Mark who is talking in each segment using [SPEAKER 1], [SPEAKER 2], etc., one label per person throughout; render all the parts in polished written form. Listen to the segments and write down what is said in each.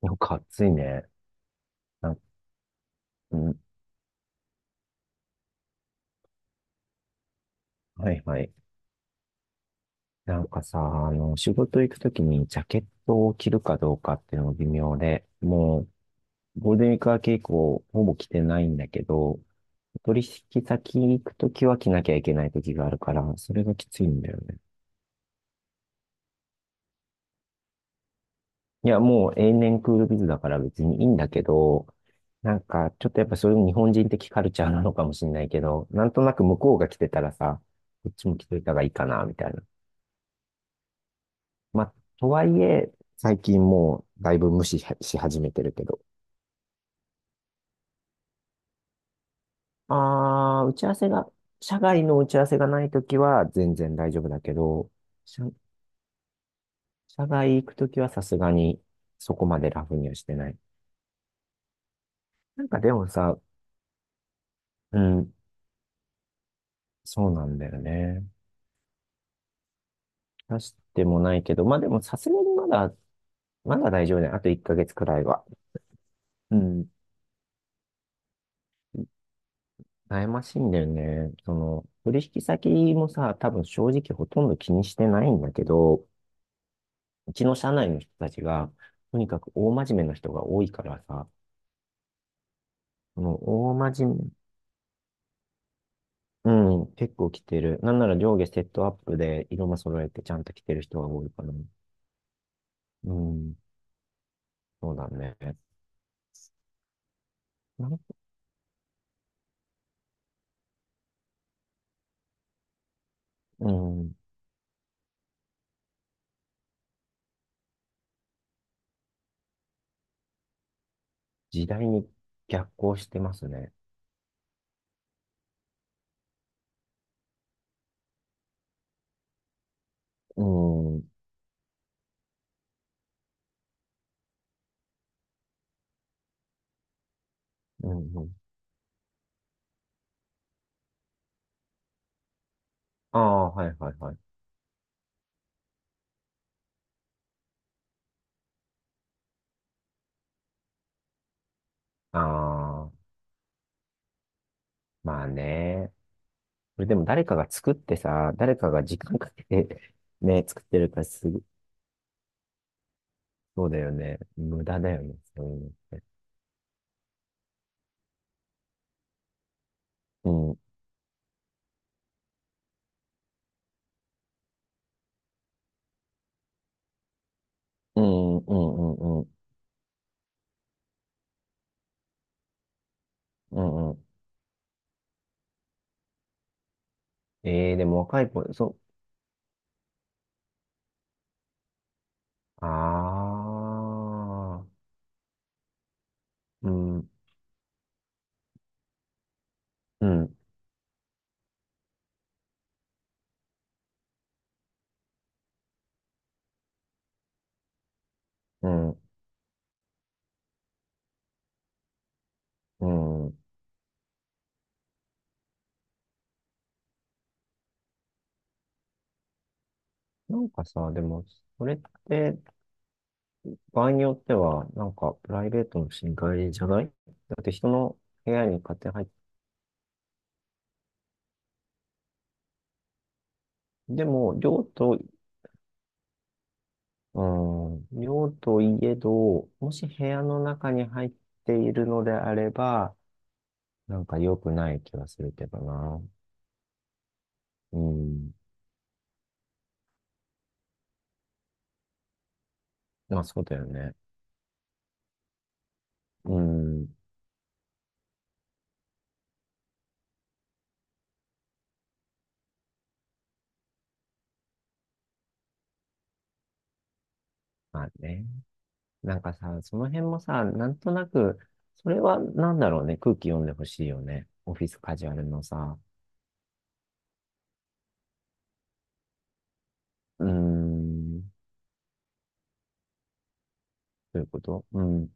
[SPEAKER 1] なんか暑いね。なん、うん、はいはい。なんかさ、仕事行くときにジャケットを着るかどうかっていうのも微妙で、もう、ゴールデンウィーク明け以降、ほぼ着てないんだけど、取引先行くときは着なきゃいけないときがあるから、それがきついんだよね。いや、もう永年クールビズだから別にいいんだけど、なんか、ちょっとやっぱそういう日本人的カルチャーなのかもしれないけど、なんとなく向こうが着てたらさ、こっちも着といた方がいいかな、みたいな。まあ、とはいえ、最近もうだいぶ無視し始めてるけど、打ち合わせが、社外の打ち合わせがないときは全然大丈夫だけど、社、社外行くときはさすがにそこまでラフにはしてない。なんかでもさ、うん、そうなんだよね。出してもないけど、まあでもさすがにまだ大丈夫だよ。あと1ヶ月くらいは。うん、悩ましいんだよね。取引先もさ、多分正直ほとんど気にしてないんだけど、うちの社内の人たちが、とにかく大真面目な人が多いからさ、この大真面目、うん、結構来てる。なんなら上下セットアップで色も揃えてちゃんと着てる人が多いかな。うん、そうだね。なんうん、時代に逆行してますね。うん、うん、うん。ああ、はいはいはい。ああ、まあね。これでも誰かが作ってさ、誰かが時間かけて ね、作ってるからすぐ、そうだよね。無駄だよね。そういうのって。うんうん、うん、うん、うん、うん。ええー、でも若い子、そう。ああ、うん、うん、うん、うん。なんかさ、でも、それって、場合によっては、なんか、プライベートの侵害じゃないだって人の部屋に勝手に入って、でも、うん、寮といえど、もし部屋の中に入っているのであれば、なんか良くない気がするけどな。うん。まあ、そうだよね。うん。まあね。なんかさ、その辺もさ、なんとなく、それはなんだろうね。空気読んでほしいよね。オフィスカジュアルのさ、うーん、どういうことうん、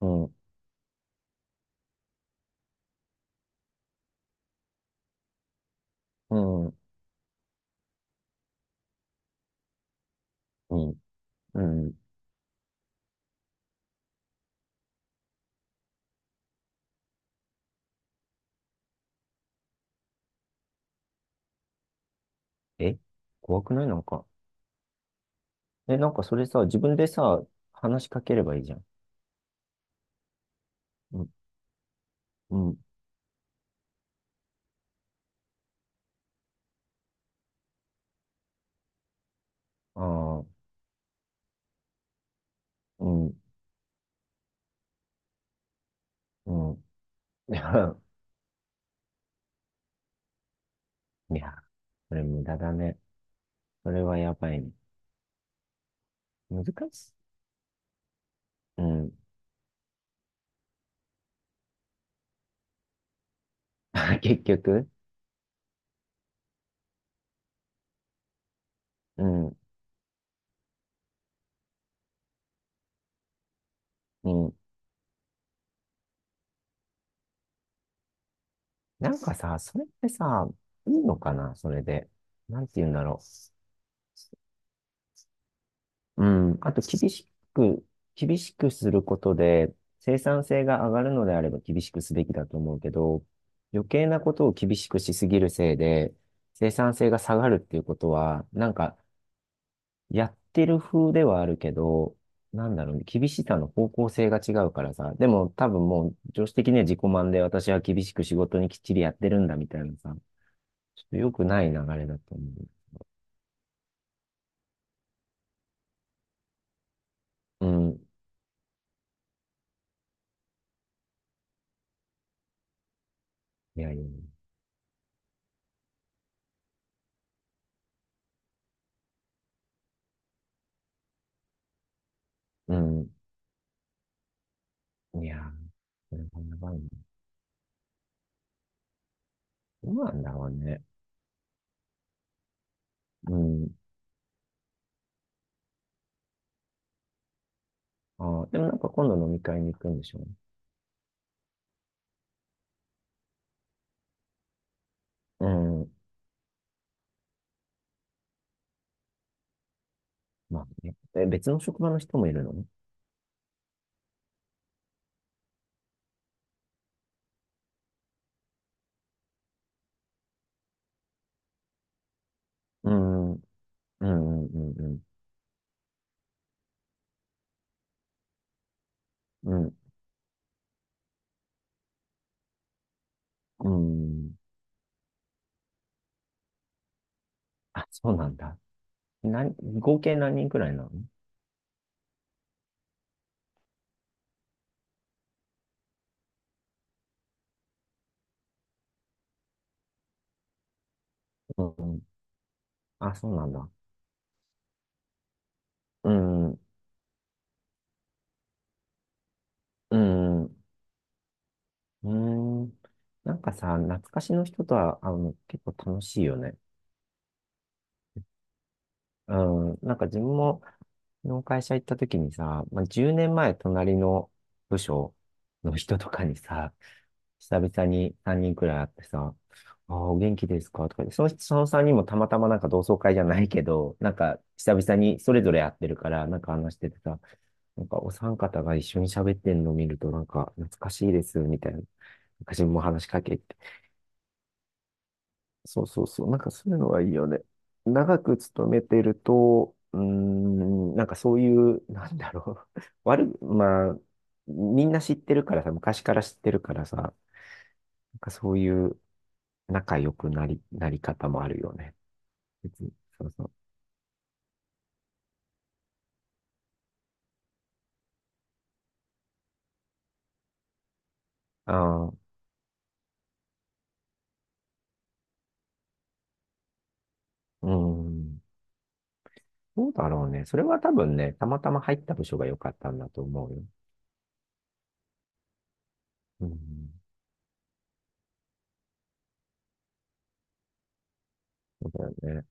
[SPEAKER 1] うん、うん、うん、うん。え怖くないなんか。え、なんかそれさ、自分でさ、話しかければいいじゃん。うん、うん、ああ、うん、うん。いや、いやそれ無駄だね。それはやばいね。難しい。うん。結局、うん、うん。なんかさ、それってさ、いいのかなそれで。なんて言うんだろう。うん。あと、く、厳しくすることで、生産性が上がるのであれば厳しくすべきだと思うけど、余計なことを厳しくしすぎるせいで、生産性が下がるっていうことは、なんか、やってる風ではあるけど、なんだろうね、厳しさの方向性が違うからさ、でも多分もう、常識的には自己満で私は厳しく仕事にきっちりやってるんだみたいなさ、ちょっと良くない流れだと思う。うん。いやいや。うん。いや、これがやばいね。どうなんだろうね。うん。ああ、でもなんか今度飲み会に行くんでしょうねうん。まあね。え、別の職場の人もいるのね。うん。うんうんうんうん。うん。うん。あ、そうなんだ。な、合計何人くらいなのうん。あ、そうなんだ。うん。うん。うん。なんかさ、懐かしの人とは会うの結構楽しいよね。うん。なんか自分もの会社行った時にさ、まあ、10年前隣の部署の人とかにさ、久々に3人くらい会ってさ、ああ、お元気ですかとかで、その人、そのさんにんもたまたまなんか同窓会じゃないけど、なんか久々にそれぞれ会ってるから、なんか話しててさ、なんかお三方が一緒に喋ってんのを見ると、なんか懐かしいです、みたいな。昔も話しかけてそうそうそう。なんかそういうのがいいよね。長く勤めてると、うーん、なんかそういう、なんだろう。悪い、まあ、みんな知ってるからさ、昔から知ってるからさ、なんかそういう仲良くなり、なり方もあるよね。別に。そうそう。ああ、うーん。どうだろうね。それは多分ね、たまたま入った部署が良かったんだと思うよ。うん。そうだよね。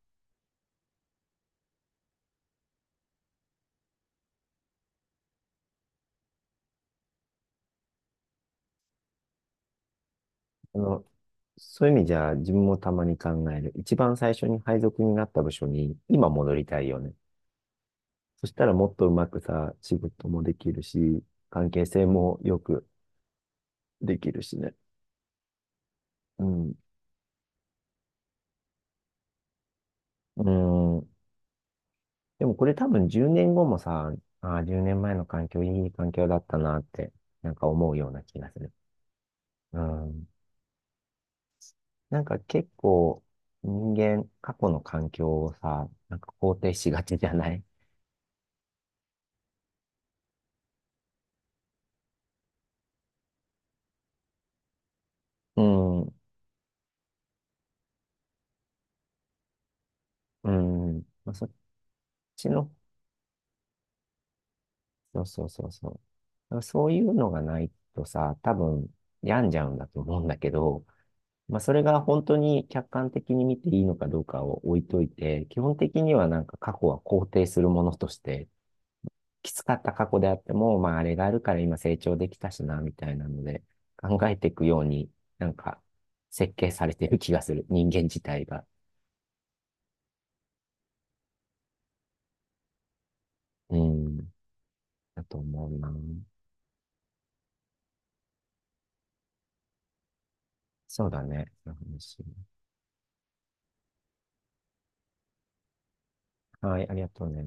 [SPEAKER 1] あの、そういう意味じゃ、自分もたまに考える。一番最初に配属になった部署に今戻りたいよね。そしたらもっとうまくさ、仕事もできるし、関係性もよくできるしね。うん。うん。でもこれ多分10年後もさ、ああ、10年前の環境いい環境だったなって、なんか思うような気がする。うん。なんか結構人間、過去の環境をさ、なんか肯定しがちじゃない うん。うん。まあ、そっちのそうそうそうそう。だからそういうのがないとさ、多分病んじゃうんだと思うんだけど、まあ、それが本当に客観的に見ていいのかどうかを置いといて、基本的にはなんか過去は肯定するものとして、きつかった過去であっても、まあ、あれがあるから今成長できたしな、みたいなので、考えていくように、なんか、設計されてる気がする。人間自体が。うん、だと思うな。そうだね。その話はい、ありがとうね。